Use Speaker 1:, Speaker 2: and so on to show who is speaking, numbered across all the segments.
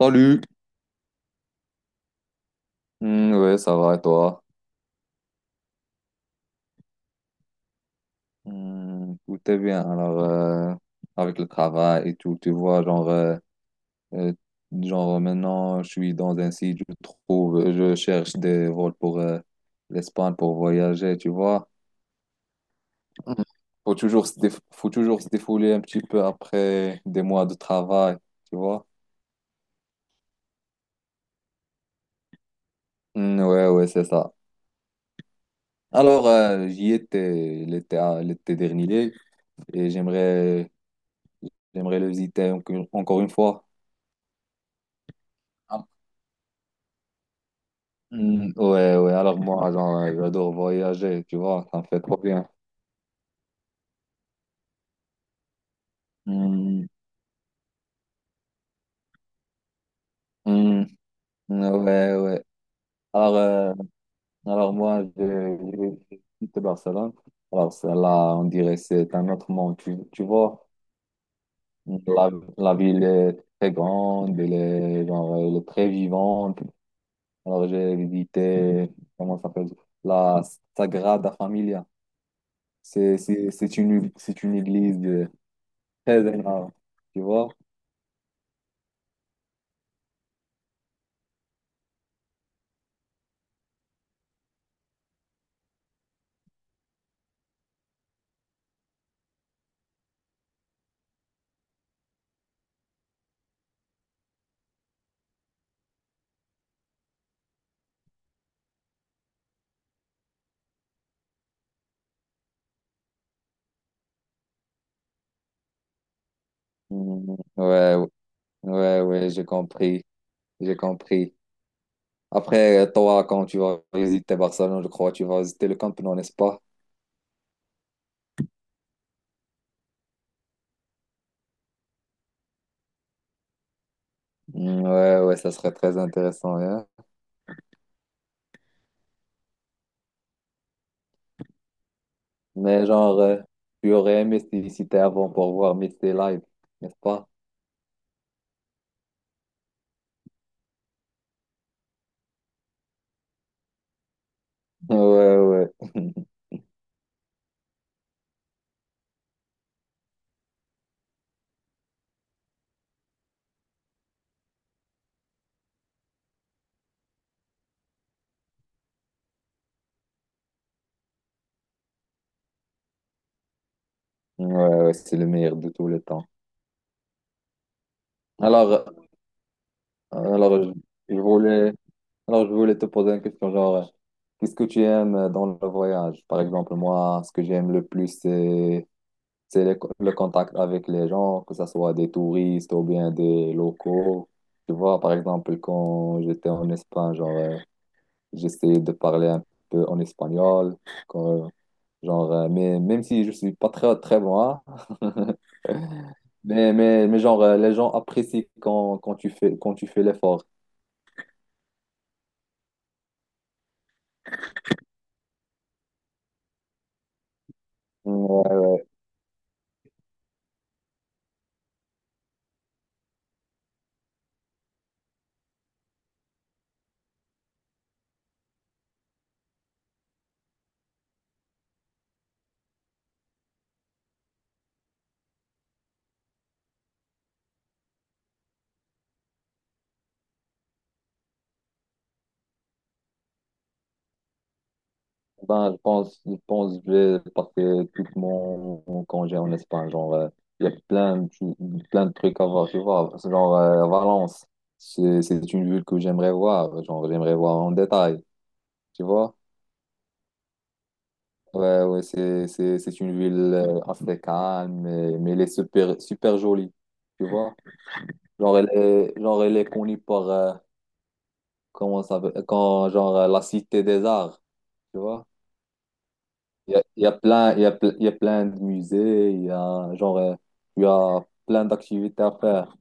Speaker 1: Salut! Hmm, ouais, ça va et toi? Hmm, tout est bien. Alors, avec le travail et tout, tu vois, euh, genre maintenant, je suis dans un site, je trouve, je cherche des vols pour l'Espagne pour voyager, tu vois. Mhm. Faut toujours se défouler un petit peu après des mois de travail, tu vois. Hmm, ouais, ouais, c'est ça. Alors, j'y étais l'été dernier et j'aimerais le visiter encore une fois. Ah. Hmm, ouais, ouais, alors moi, j'adore voyager, tu vois, ça me fait trop bien. Hmm, hmm, ouais, ouais. Alors, euh, alors moi, je de Barcelone. Alors, celle-là, on dirait que c'est un autre monde, tu vois. La, la ville est très grande, elle est, genre, elle est très vivante. Alors, j'ai visité, comment ça s'appelle, la Sagrada Familia. C'est une église très énorme, tu vois. Mm, ouais, ouais, ouais, j'ai compris, j'ai compris. Après, toi, quand tu vas visiter Barcelone, je crois, tu vas visiter le Camp Nou, n'est-ce pas? Mm, ouais, ouais, ça serait très intéressant, hein. Mais tu aurais aimé si t'es avant pour voir Messi live, n'est-ce pas? Ouais, ouais, ouais, ouais, c'est le meilleur de tous les temps. Alors, alors, je voulais, alors, je voulais te poser une question, qu'est-ce que tu aimes dans le voyage? Par exemple, moi, ce que j'aime le plus, c'est le contact avec les gens, que ce soit des touristes ou bien des locaux. Tu vois, par exemple, quand j'étais en Espagne, j'essayais de parler un peu en espagnol, quand, mais même si je suis pas très, très bon, hein, mais les gens apprécient quand, quand tu fais l'effort. Ben, je pense que je vais passer tout mon congé en Espagne. Il y a plein de trucs à voir, tu vois. C'est Valence, c'est une ville que j'aimerais voir. Genre, j'aimerais voir en détail, tu vois. Ouais, ouais, c'est une ville assez calme, mais elle est super, super jolie, tu vois. Genre, elle est connue par, quand, la cité des arts, tu vois. Il y a plein, il y a, ple- il y a plein de musées, il y a, il y a plein d'activités à faire.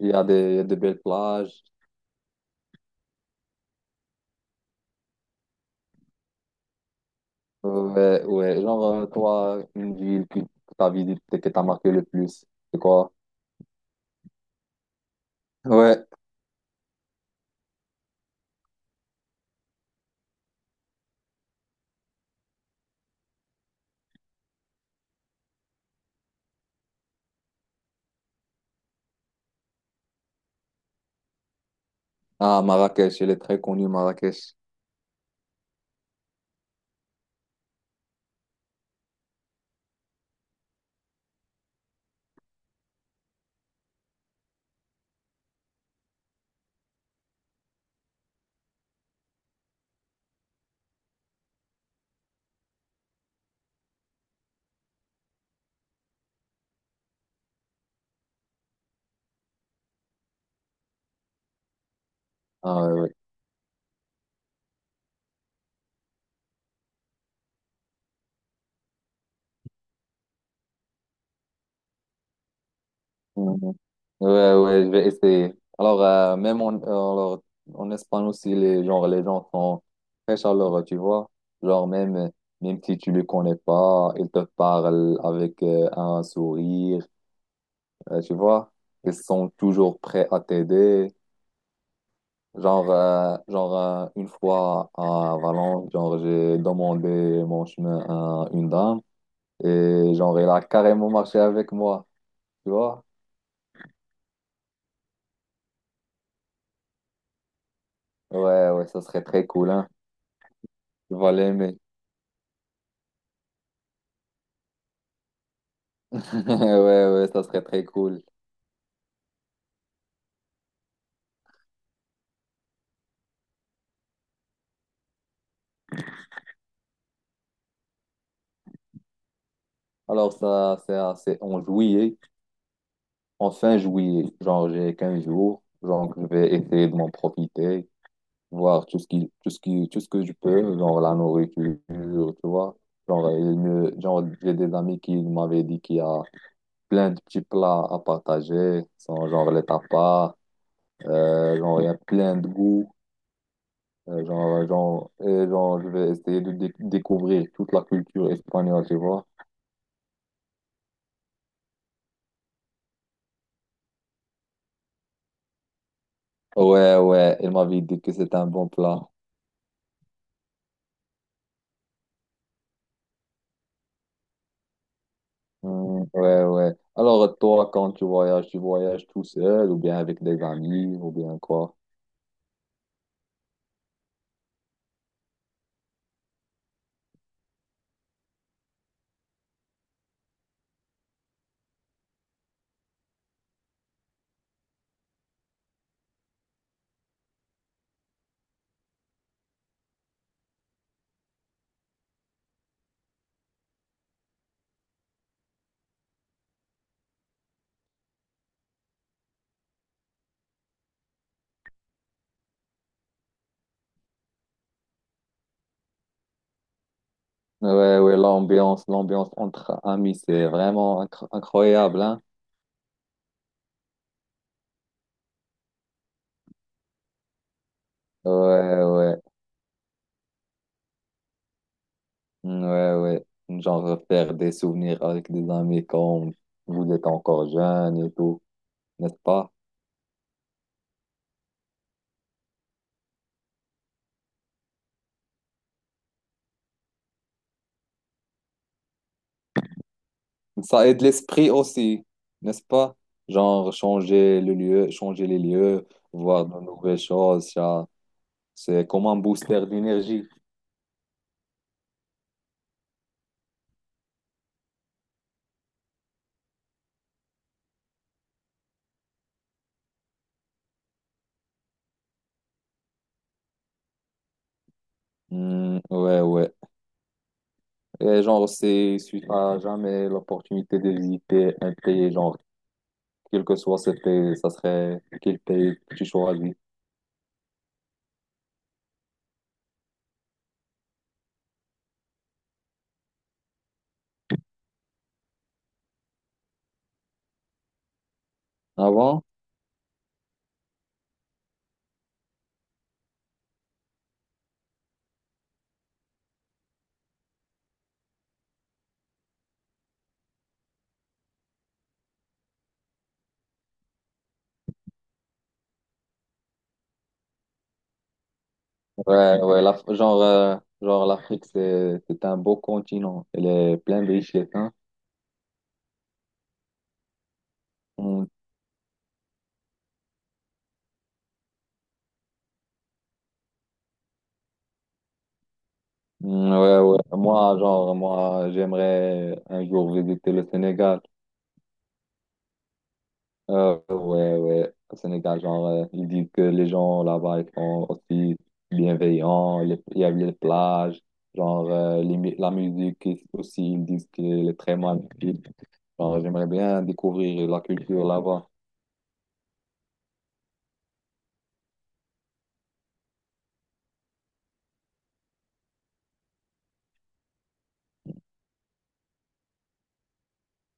Speaker 1: Il y a des, il y a de belles plages. Ouais, ouais. Toi, une ville que tu as visitée, que t'as marqué le plus, c'est quoi? Ouais. Ah, Marrakech, elle est très connue, Marrakech. Ah, ouais, ouais. Mhm. Ouais, ouais, je vais essayer. Alors, même en, alors, en Espagne aussi, les, genre, les gens sont très chaleureux, tu vois. Genre, même, même si tu ne les connais pas, ils te parlent avec un sourire, tu vois. Ils sont toujours prêts à t'aider. Une fois à Valence, genre, j'ai demandé mon chemin à une dame et, genre, elle a carrément marché avec moi, tu vois. Ouais, ouais, ça serait très cool, hein. Tu vas l'aimer. Ouais, ouais, ça serait très cool. Alors, ça, c'est assez en juillet, en fin juillet. Genre, j'ai 15 jours. Genre, je vais essayer de m'en profiter, voir tout ce que je peux, genre la nourriture, tu vois. Genre, j'ai des amis qui m'avaient dit qu'il y a plein de petits plats à partager, sont genre les tapas, genre, il y a plein de goûts. Genre, je vais essayer de découvrir toute la culture espagnole, tu vois. Ouais, ouais, il m'avait dit que c'est un bon plan. Hmm, ouais, ouais. Alors, toi, quand tu voyages tout seul ou bien avec des amis ou bien quoi? Ouais, ouais, l'ambiance entre amis, c'est vraiment incroyable, hein? Ouais, ouais, hmm, ouais, ouais. Genre, faire des souvenirs avec des amis quand vous êtes encore jeune et tout, n'est-ce pas? Ça aide l'esprit aussi, n'est-ce pas? Genre, changer le lieu, changer les lieux, voir de nouvelles choses, c'est comme un booster d'énergie. Hmm, ouais, ouais. Et genre, c'est, si tu n'as jamais l'opportunité de visiter un pays, genre, quel que soit ce pays, ça serait quel pays que tu choisis. Avant? Ouais, ouais, la, genre, l'Afrique, c'est un beau continent. Elle est pleine de richesses, hein. Hmm, hmm, ouais, ouais. Moi, genre, moi, j'aimerais un jour visiter le Sénégal. Ouais, ouais, au Sénégal, ils disent que les gens là-bas, ils sont aussi bienveillants, il y a les plages, la musique aussi, ils disent qu'elle est très magnifique. Genre, j'aimerais bien découvrir la culture là-bas.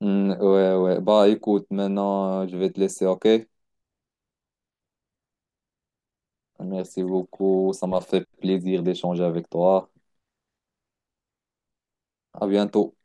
Speaker 1: Hmm, ouais, ouais, bah écoute, maintenant, je vais te laisser, ok? Merci beaucoup, ça m'a fait plaisir d'échanger avec toi. À bientôt.